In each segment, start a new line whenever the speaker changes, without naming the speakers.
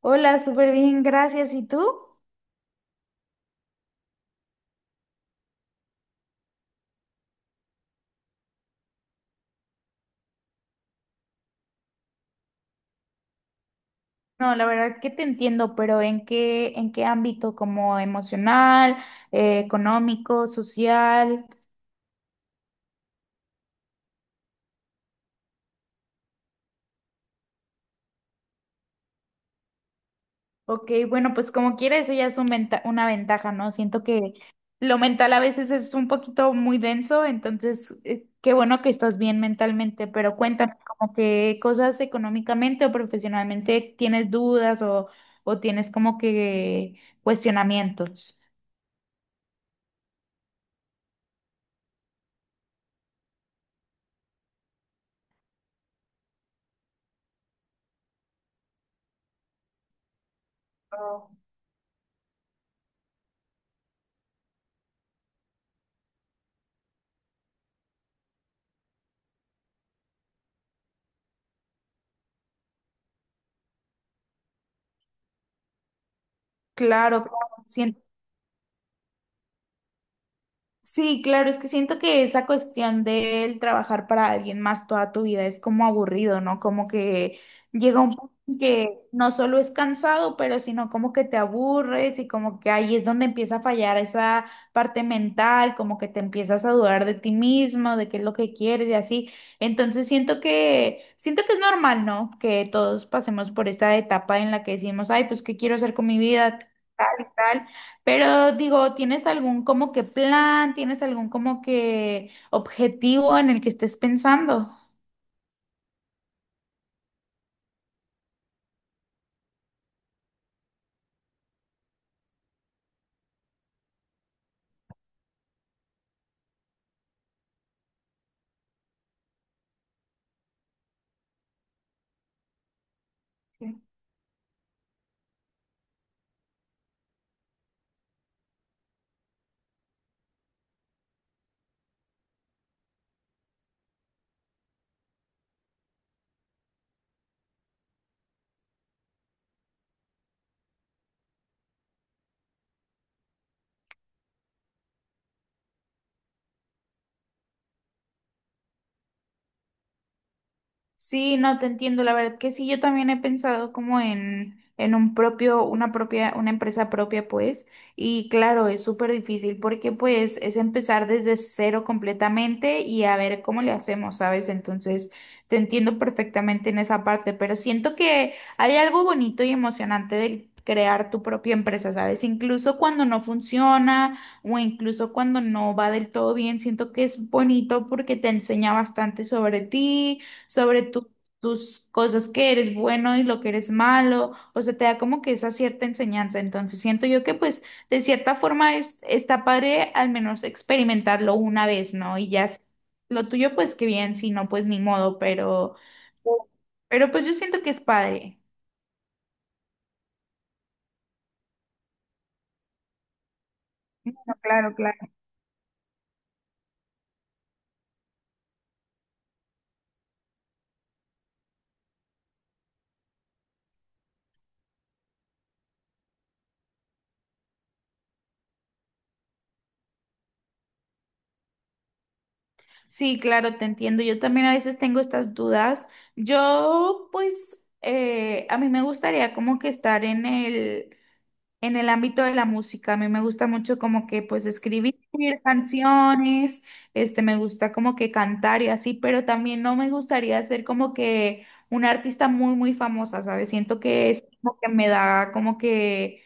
Hola, súper bien, gracias. ¿Y tú? No, la verdad que te entiendo, pero en qué ámbito? ¿Como emocional, económico, social? Ok, bueno, pues como quiera, eso ya es una ventaja, ¿no? Siento que lo mental a veces es un poquito muy denso, entonces qué bueno que estás bien mentalmente, pero cuéntame, como que cosas económicamente o profesionalmente tienes dudas, o tienes como que cuestionamientos. Oh. Claro, claro, siento sí, claro, es que siento que esa cuestión del trabajar para alguien más toda tu vida es como aburrido, ¿no? Como que llega un punto en que no solo es cansado, pero sino como que te aburres y como que ahí es donde empieza a fallar esa parte mental, como que te empiezas a dudar de ti mismo, de qué es lo que quieres y así. Entonces siento que es normal, ¿no? Que todos pasemos por esa etapa en la que decimos, "Ay, pues qué quiero hacer con mi vida?" tal y tal. Pero digo, ¿tienes algún como que plan? ¿Tienes algún como que objetivo en el que estés pensando? Sí, no te entiendo, la verdad que sí, yo también he pensado como en un propio, una propia, una empresa propia, pues, y claro, es súper difícil porque pues es empezar desde cero completamente y a ver cómo le hacemos, ¿sabes? Entonces, te entiendo perfectamente en esa parte, pero siento que hay algo bonito y emocionante del crear tu propia empresa, ¿sabes? Incluso cuando no funciona o incluso cuando no va del todo bien, siento que es bonito porque te enseña bastante sobre ti sobre tu- tus cosas que eres bueno y lo que eres malo, o sea, te da como que esa cierta enseñanza. Entonces siento yo que pues de cierta forma es, está padre al menos experimentarlo una vez, ¿no? Y ya si lo tuyo pues qué bien, si no pues ni modo, pero pues yo siento que es padre. Claro, claro. Sí, claro, te entiendo. Yo también a veces tengo estas dudas. Yo, pues, a mí me gustaría como que estar en el ámbito de la música, a mí me gusta mucho como que pues escribir canciones, este me gusta como que cantar y así, pero también no me gustaría ser como que una artista muy muy famosa, ¿sabes? Siento que es como que me da como que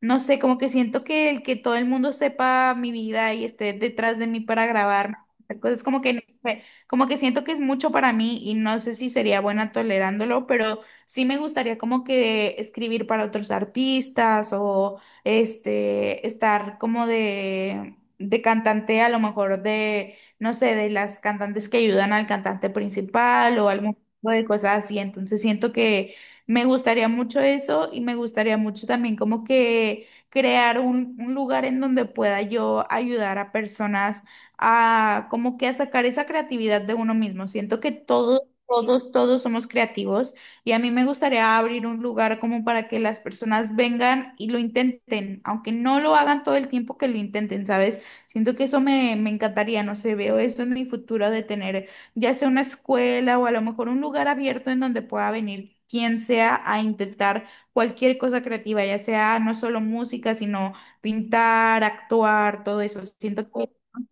no sé, como que siento que el que todo el mundo sepa mi vida y esté detrás de mí para grabarme, es como que no sé, como que siento que es mucho para mí y no sé si sería buena tolerándolo, pero sí me gustaría como que escribir para otros artistas o este, estar como de cantante a lo mejor de, no sé, de las cantantes que ayudan al cantante principal o algún tipo de cosas así. Entonces siento que me gustaría mucho eso y me gustaría mucho también como que crear un lugar en donde pueda yo ayudar a personas a como que a sacar esa creatividad de uno mismo. Siento que todos somos creativos. Y a mí me gustaría abrir un lugar como para que las personas vengan y lo intenten, aunque no lo hagan todo el tiempo que lo intenten, ¿sabes? Siento que eso me encantaría, no sé, veo esto en mi futuro de tener ya sea una escuela o a lo mejor un lugar abierto en donde pueda venir quien sea a intentar cualquier cosa creativa, ya sea no solo música, sino pintar, actuar, todo eso. Siento que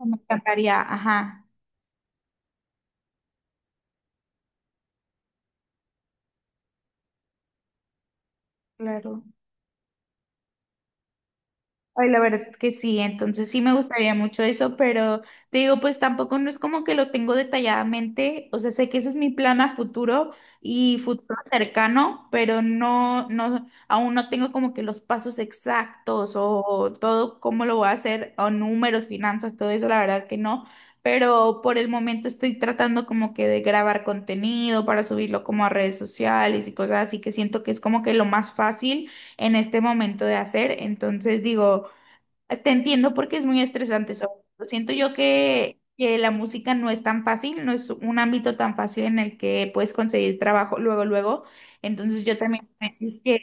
me encantaría, ajá, claro. Ay, la verdad que sí, entonces sí me gustaría mucho eso, pero te digo, pues tampoco no es como que lo tengo detalladamente, o sea, sé que ese es mi plan a futuro y futuro cercano, pero aún no tengo como que los pasos exactos o todo cómo lo voy a hacer, o números, finanzas, todo eso, la verdad que no, pero por el momento estoy tratando como que de grabar contenido para subirlo como a redes sociales y cosas así que siento que es como que lo más fácil en este momento de hacer, entonces digo... Te entiendo porque es muy estresante. Siento yo que la música no es tan fácil, no es un ámbito tan fácil en el que puedes conseguir trabajo luego, luego. Entonces yo también a veces que,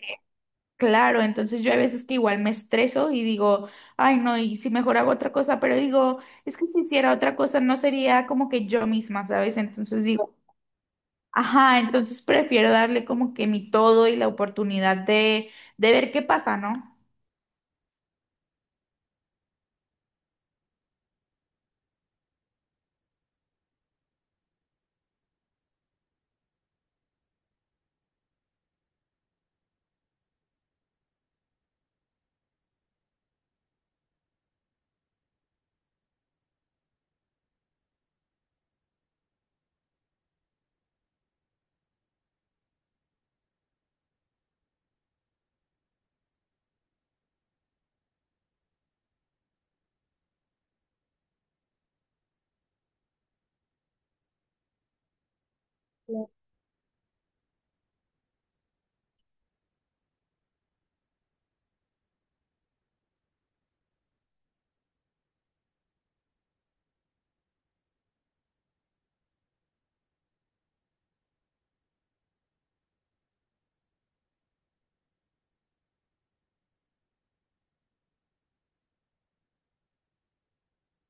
claro, entonces yo a veces que igual me estreso y digo, ay no, y si mejor hago otra cosa, pero digo, es que si hiciera otra cosa no sería como que yo misma, ¿sabes? Entonces digo, ajá, entonces prefiero darle como que mi todo y la oportunidad de ver qué pasa, ¿no?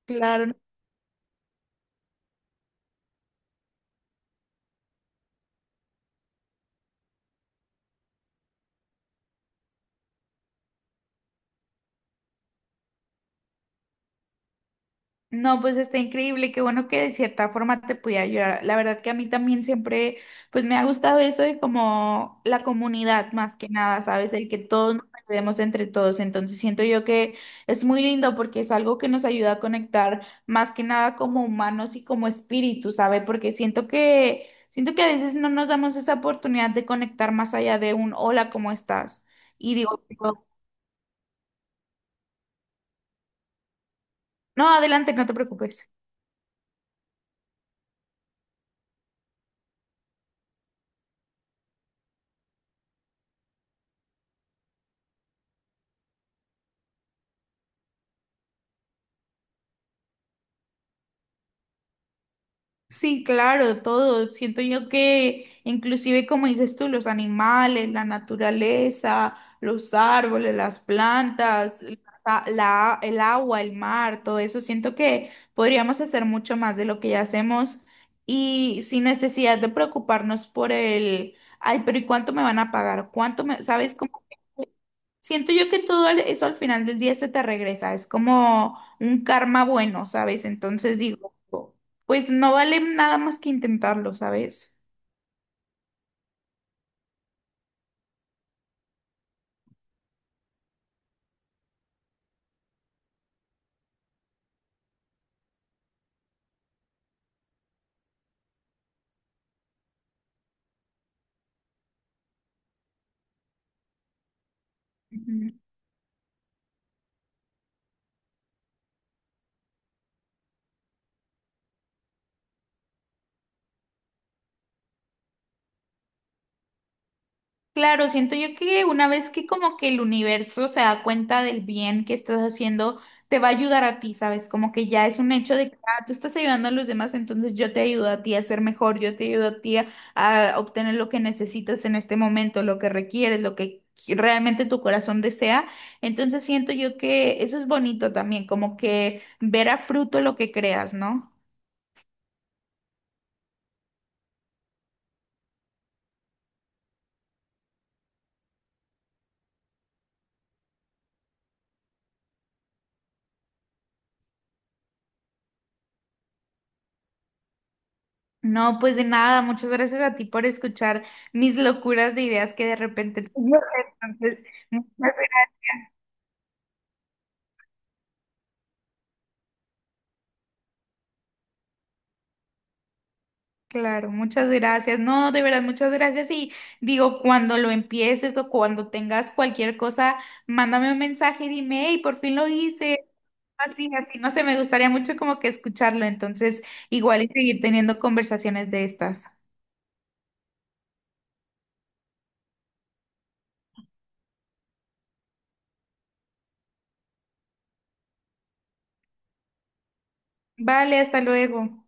Claro, no, pues está increíble, qué bueno que de cierta forma te pude ayudar. La verdad que a mí también siempre, pues me ha gustado eso de como la comunidad más que nada, ¿sabes? El que todos nos ayudemos entre todos. Entonces siento yo que es muy lindo porque es algo que nos ayuda a conectar más que nada como humanos y como espíritu, ¿sabes? Porque siento que a veces no nos damos esa oportunidad de conectar más allá de un hola, ¿cómo estás? Y digo, no, adelante, no te preocupes. Sí, claro, todo. Siento yo que inclusive como dices tú, los animales, la naturaleza, los árboles, las plantas, el agua, el mar, todo eso, siento que podríamos hacer mucho más de lo que ya hacemos y sin necesidad de preocuparnos por el, ay, pero ¿y cuánto me van a pagar? ¿Cuánto me, sabes cómo? Siento yo que eso al final del día se te regresa, es como un karma bueno, ¿sabes? Entonces digo, pues no vale nada más que intentarlo, ¿sabes? Claro, siento yo que una vez que como que el universo se da cuenta del bien que estás haciendo, te va a ayudar a ti, ¿sabes? Como que ya es un hecho de que ah, tú estás ayudando a los demás, entonces yo te ayudo a ti a ser mejor, yo te ayudo a ti a obtener lo que necesitas en este momento, lo que requieres, realmente tu corazón desea. Entonces siento yo que eso es bonito también, como que ver a fruto lo que creas, ¿no? No, pues de nada, muchas gracias a ti por escuchar mis locuras de ideas que de repente tengo. Entonces, muchas gracias. Claro, muchas gracias. No, de verdad, muchas gracias. Y digo, cuando lo empieces o cuando tengas cualquier cosa, mándame un mensaje, dime, hey, por fin lo hice. Así, así, no sé, me gustaría mucho como que escucharlo. Entonces, igual y seguir teniendo conversaciones de estas. Vale, hasta luego.